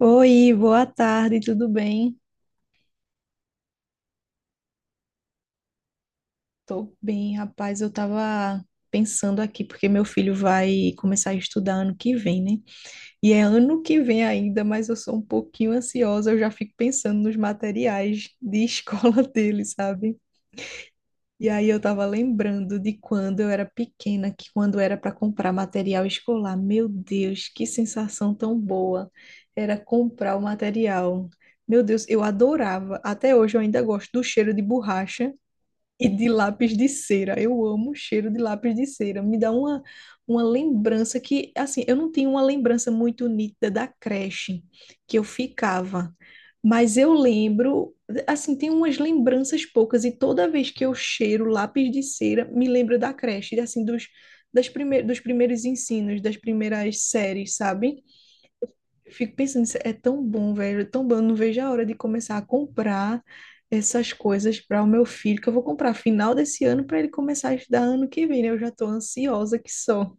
Oi, boa tarde, tudo bem? Tô bem, rapaz. Eu tava pensando aqui, porque meu filho vai começar a estudar ano que vem, né? E é ano que vem ainda, mas eu sou um pouquinho ansiosa, eu já fico pensando nos materiais de escola dele, sabe? E aí eu tava lembrando de quando eu era pequena, que quando era para comprar material escolar, meu Deus, que sensação tão boa era comprar o material. Meu Deus, eu adorava. Até hoje eu ainda gosto do cheiro de borracha e de lápis de cera. Eu amo o cheiro de lápis de cera. Me dá uma lembrança que, assim, eu não tenho uma lembrança muito nítida da creche que eu ficava. Mas eu lembro, assim, tem umas lembranças poucas. E toda vez que eu cheiro lápis de cera, me lembro da creche, assim, dos, das prime dos primeiros ensinos, das primeiras séries, sabe? Eu fico pensando, isso é tão bom, velho, é tão bom. Eu não vejo a hora de começar a comprar essas coisas para o meu filho, que eu vou comprar final desse ano para ele começar a estudar ano que vem, né? Eu já tô ansiosa que só.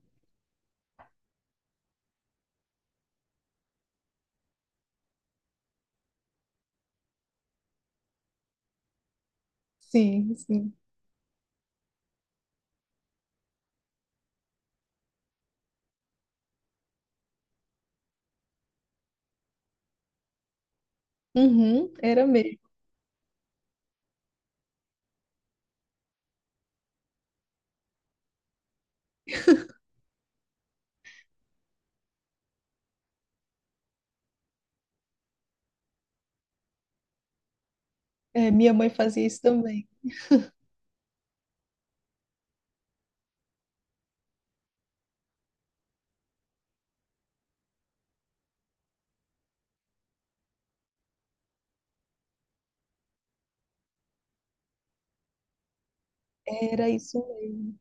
Sim, sim. Uhum, era mesmo. É, minha mãe fazia isso também. Era isso mesmo.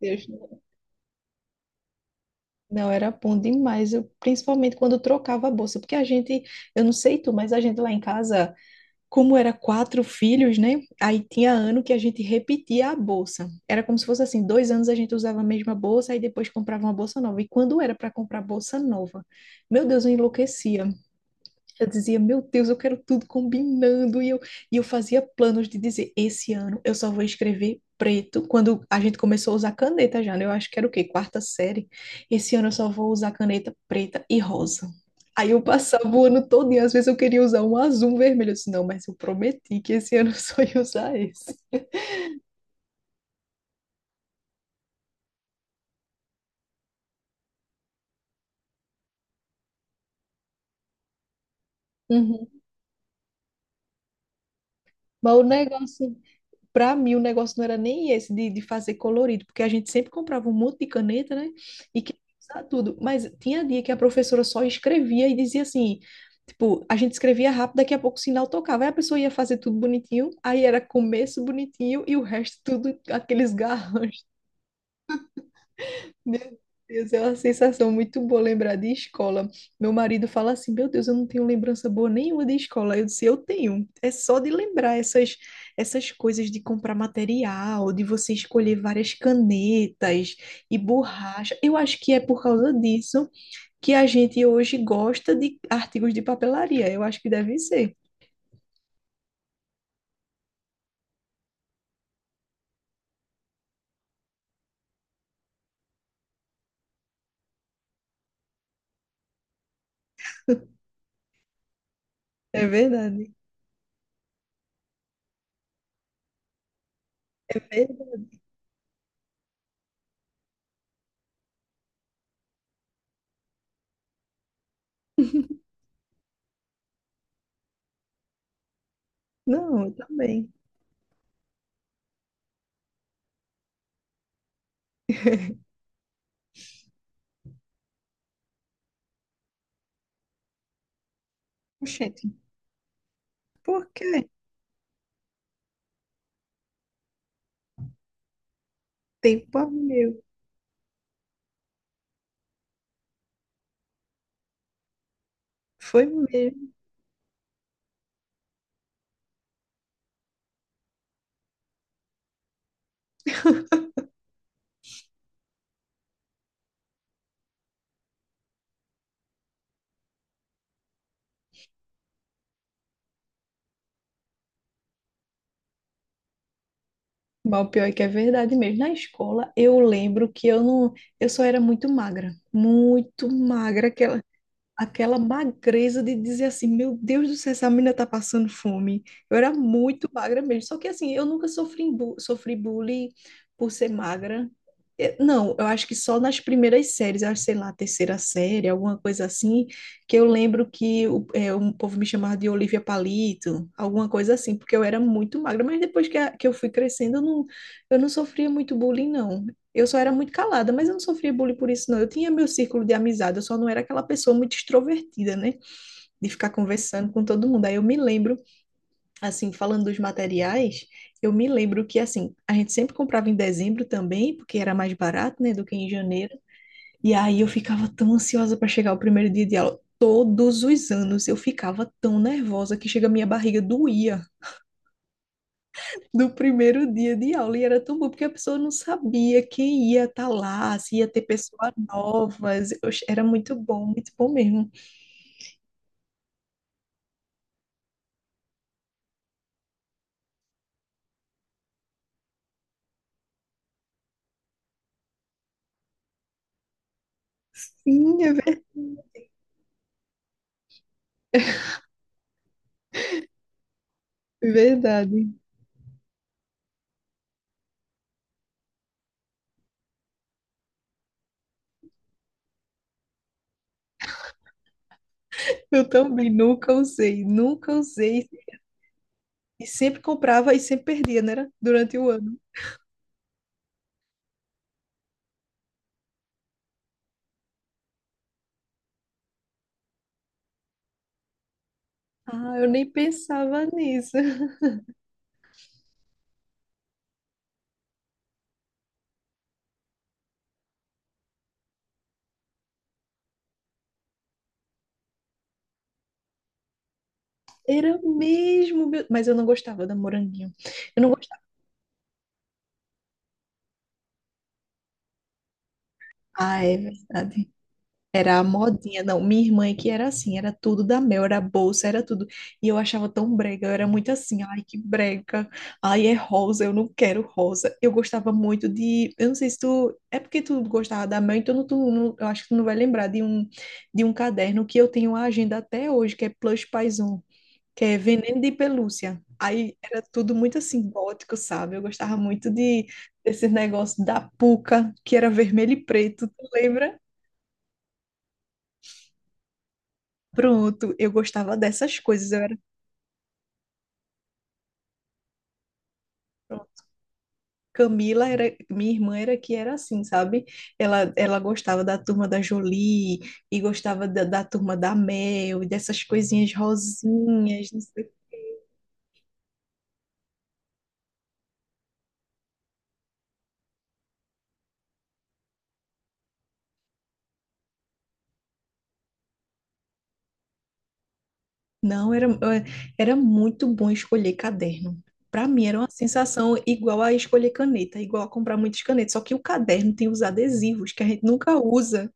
Deus, não, não, era bom demais. Eu, principalmente quando eu trocava a bolsa, porque a gente, eu não sei tu, mas a gente lá em casa, como era quatro filhos, né? Aí tinha ano que a gente repetia a bolsa. Era como se fosse assim, 2 anos a gente usava a mesma bolsa, e depois comprava uma bolsa nova. E quando era para comprar bolsa nova, meu Deus, eu enlouquecia. Eu dizia, meu Deus, eu quero tudo combinando. E eu fazia planos de dizer, esse ano eu só vou escrever preto. Quando a gente começou a usar caneta já, né? Eu acho que era o quê? Quarta série. Esse ano eu só vou usar caneta preta e rosa. Aí eu passava o ano todo e às vezes eu queria usar um azul, um vermelho. Eu disse, não, mas eu prometi que esse ano eu só ia usar esse. Uhum. Mas o negócio Para mim, o negócio não era nem esse de, fazer colorido, porque a gente sempre comprava um monte de caneta, né? E queria usar tudo. Mas tinha dia que a professora só escrevia e dizia assim: tipo, a gente escrevia rápido, daqui a pouco o sinal tocava. Aí a pessoa ia fazer tudo bonitinho, aí era começo bonitinho e o resto tudo aqueles garranchos. Meu Deus, é uma sensação muito boa lembrar de escola. Meu marido fala assim: Meu Deus, eu não tenho lembrança boa nenhuma de escola. Eu disse: Eu tenho. É só de lembrar essas coisas de comprar material, de você escolher várias canetas e borracha. Eu acho que é por causa disso que a gente hoje gosta de artigos de papelaria. Eu acho que deve ser. É verdade. É verdade. Não, eu também. Gente, por quê? Tempo a meu. Foi mesmo. Mas o pior é que é verdade mesmo. Na escola, eu lembro que eu não, eu só era muito magra, aquela magreza de dizer assim, meu Deus do céu, essa menina tá passando fome. Eu era muito magra mesmo. Só que assim, eu nunca sofri bullying por ser magra. Não, eu acho que só nas primeiras séries, eu acho, sei lá, terceira série, alguma coisa assim, que eu lembro que um povo me chamava de Olivia Palito, alguma coisa assim, porque eu era muito magra, mas depois que eu fui crescendo, eu não sofria muito bullying, não. Eu só era muito calada, mas eu não sofria bullying por isso, não. Eu tinha meu círculo de amizade, eu só não era aquela pessoa muito extrovertida, né? De ficar conversando com todo mundo. Aí eu me lembro, assim, falando dos materiais, eu me lembro que, assim, a gente sempre comprava em dezembro também, porque era mais barato, né, do que em janeiro. E aí eu ficava tão ansiosa para chegar o primeiro dia de aula. Todos os anos eu ficava tão nervosa que chega a minha barriga doía. Do primeiro dia de aula. E era tão bom, porque a pessoa não sabia quem ia estar lá, se ia ter pessoas novas. Oxe, era muito bom mesmo. Sim, é verdade. Eu também nunca usei, nunca usei. E sempre comprava e sempre perdia, né? Era? Durante o ano. Ah, eu nem pensava nisso. Era mesmo, mas eu não gostava da moranguinho. Eu não gostava. Ah, é verdade. Era a modinha, não. Minha irmã é que era assim, era tudo da Mel, era bolsa, era tudo. E eu achava tão brega, eu era muito assim, ai que brega, ai é rosa, eu não quero rosa. Eu gostava muito eu não sei se tu, é porque tu gostava da Mel, então tu, não, eu acho que tu não vai lembrar de um, caderno que eu tenho a agenda até hoje, que é Plush Paison, que é Veneno de Pelúcia. Aí era tudo muito assim, gótico, sabe? Eu gostava muito desse negócio da Puca, que era vermelho e preto, tu lembra? Pronto, eu gostava dessas coisas, eu era pronto. Camila era, minha irmã era que era assim, sabe? Ela gostava da turma da Jolie e gostava da turma da Mel e dessas coisinhas rosinhas, não sei. Não, era muito bom escolher caderno. Para mim era uma sensação igual a escolher caneta, igual a comprar muitas canetas, só que o caderno tem os adesivos que a gente nunca usa.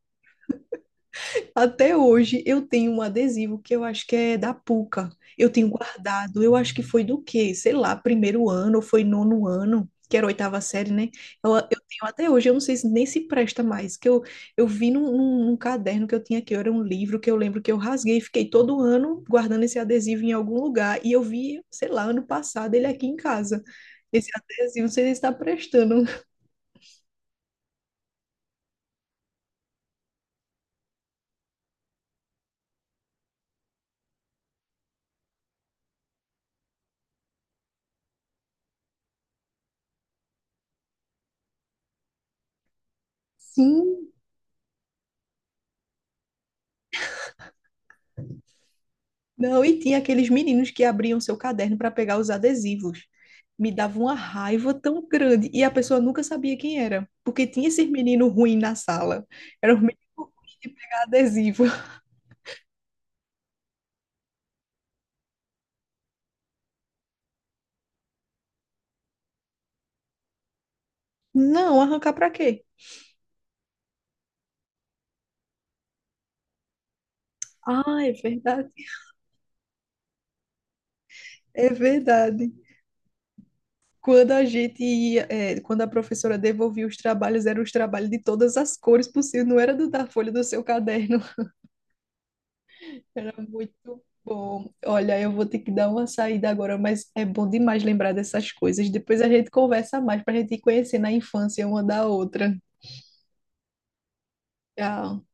Até hoje eu tenho um adesivo que eu acho que é da Puca. Eu tenho guardado, eu acho que foi do quê? Sei lá, primeiro ano, ou foi nono ano, que era a oitava série, né? Eu tenho até hoje, eu não sei se nem se presta mais, que eu vi num caderno que eu tinha aqui, era um livro que eu lembro que eu rasguei, e fiquei todo ano guardando esse adesivo em algum lugar, e eu vi, sei lá, ano passado ele aqui em casa. Esse adesivo, não sei se está prestando. Sim, não, e tinha aqueles meninos que abriam seu caderno para pegar os adesivos. Me dava uma raiva tão grande. E a pessoa nunca sabia quem era, porque tinha esses meninos ruins na sala. Eram os meninos ruins de pegar adesivo. Não, arrancar para quê? Ah, é verdade. É verdade. Quando a gente ia, quando a professora devolvia os trabalhos, eram os trabalhos de todas as cores possíveis, não era do da folha do seu caderno. Era muito bom. Olha, eu vou ter que dar uma saída agora, mas é bom demais lembrar dessas coisas. Depois a gente conversa mais para a gente ir conhecendo a infância uma da outra. Tchau.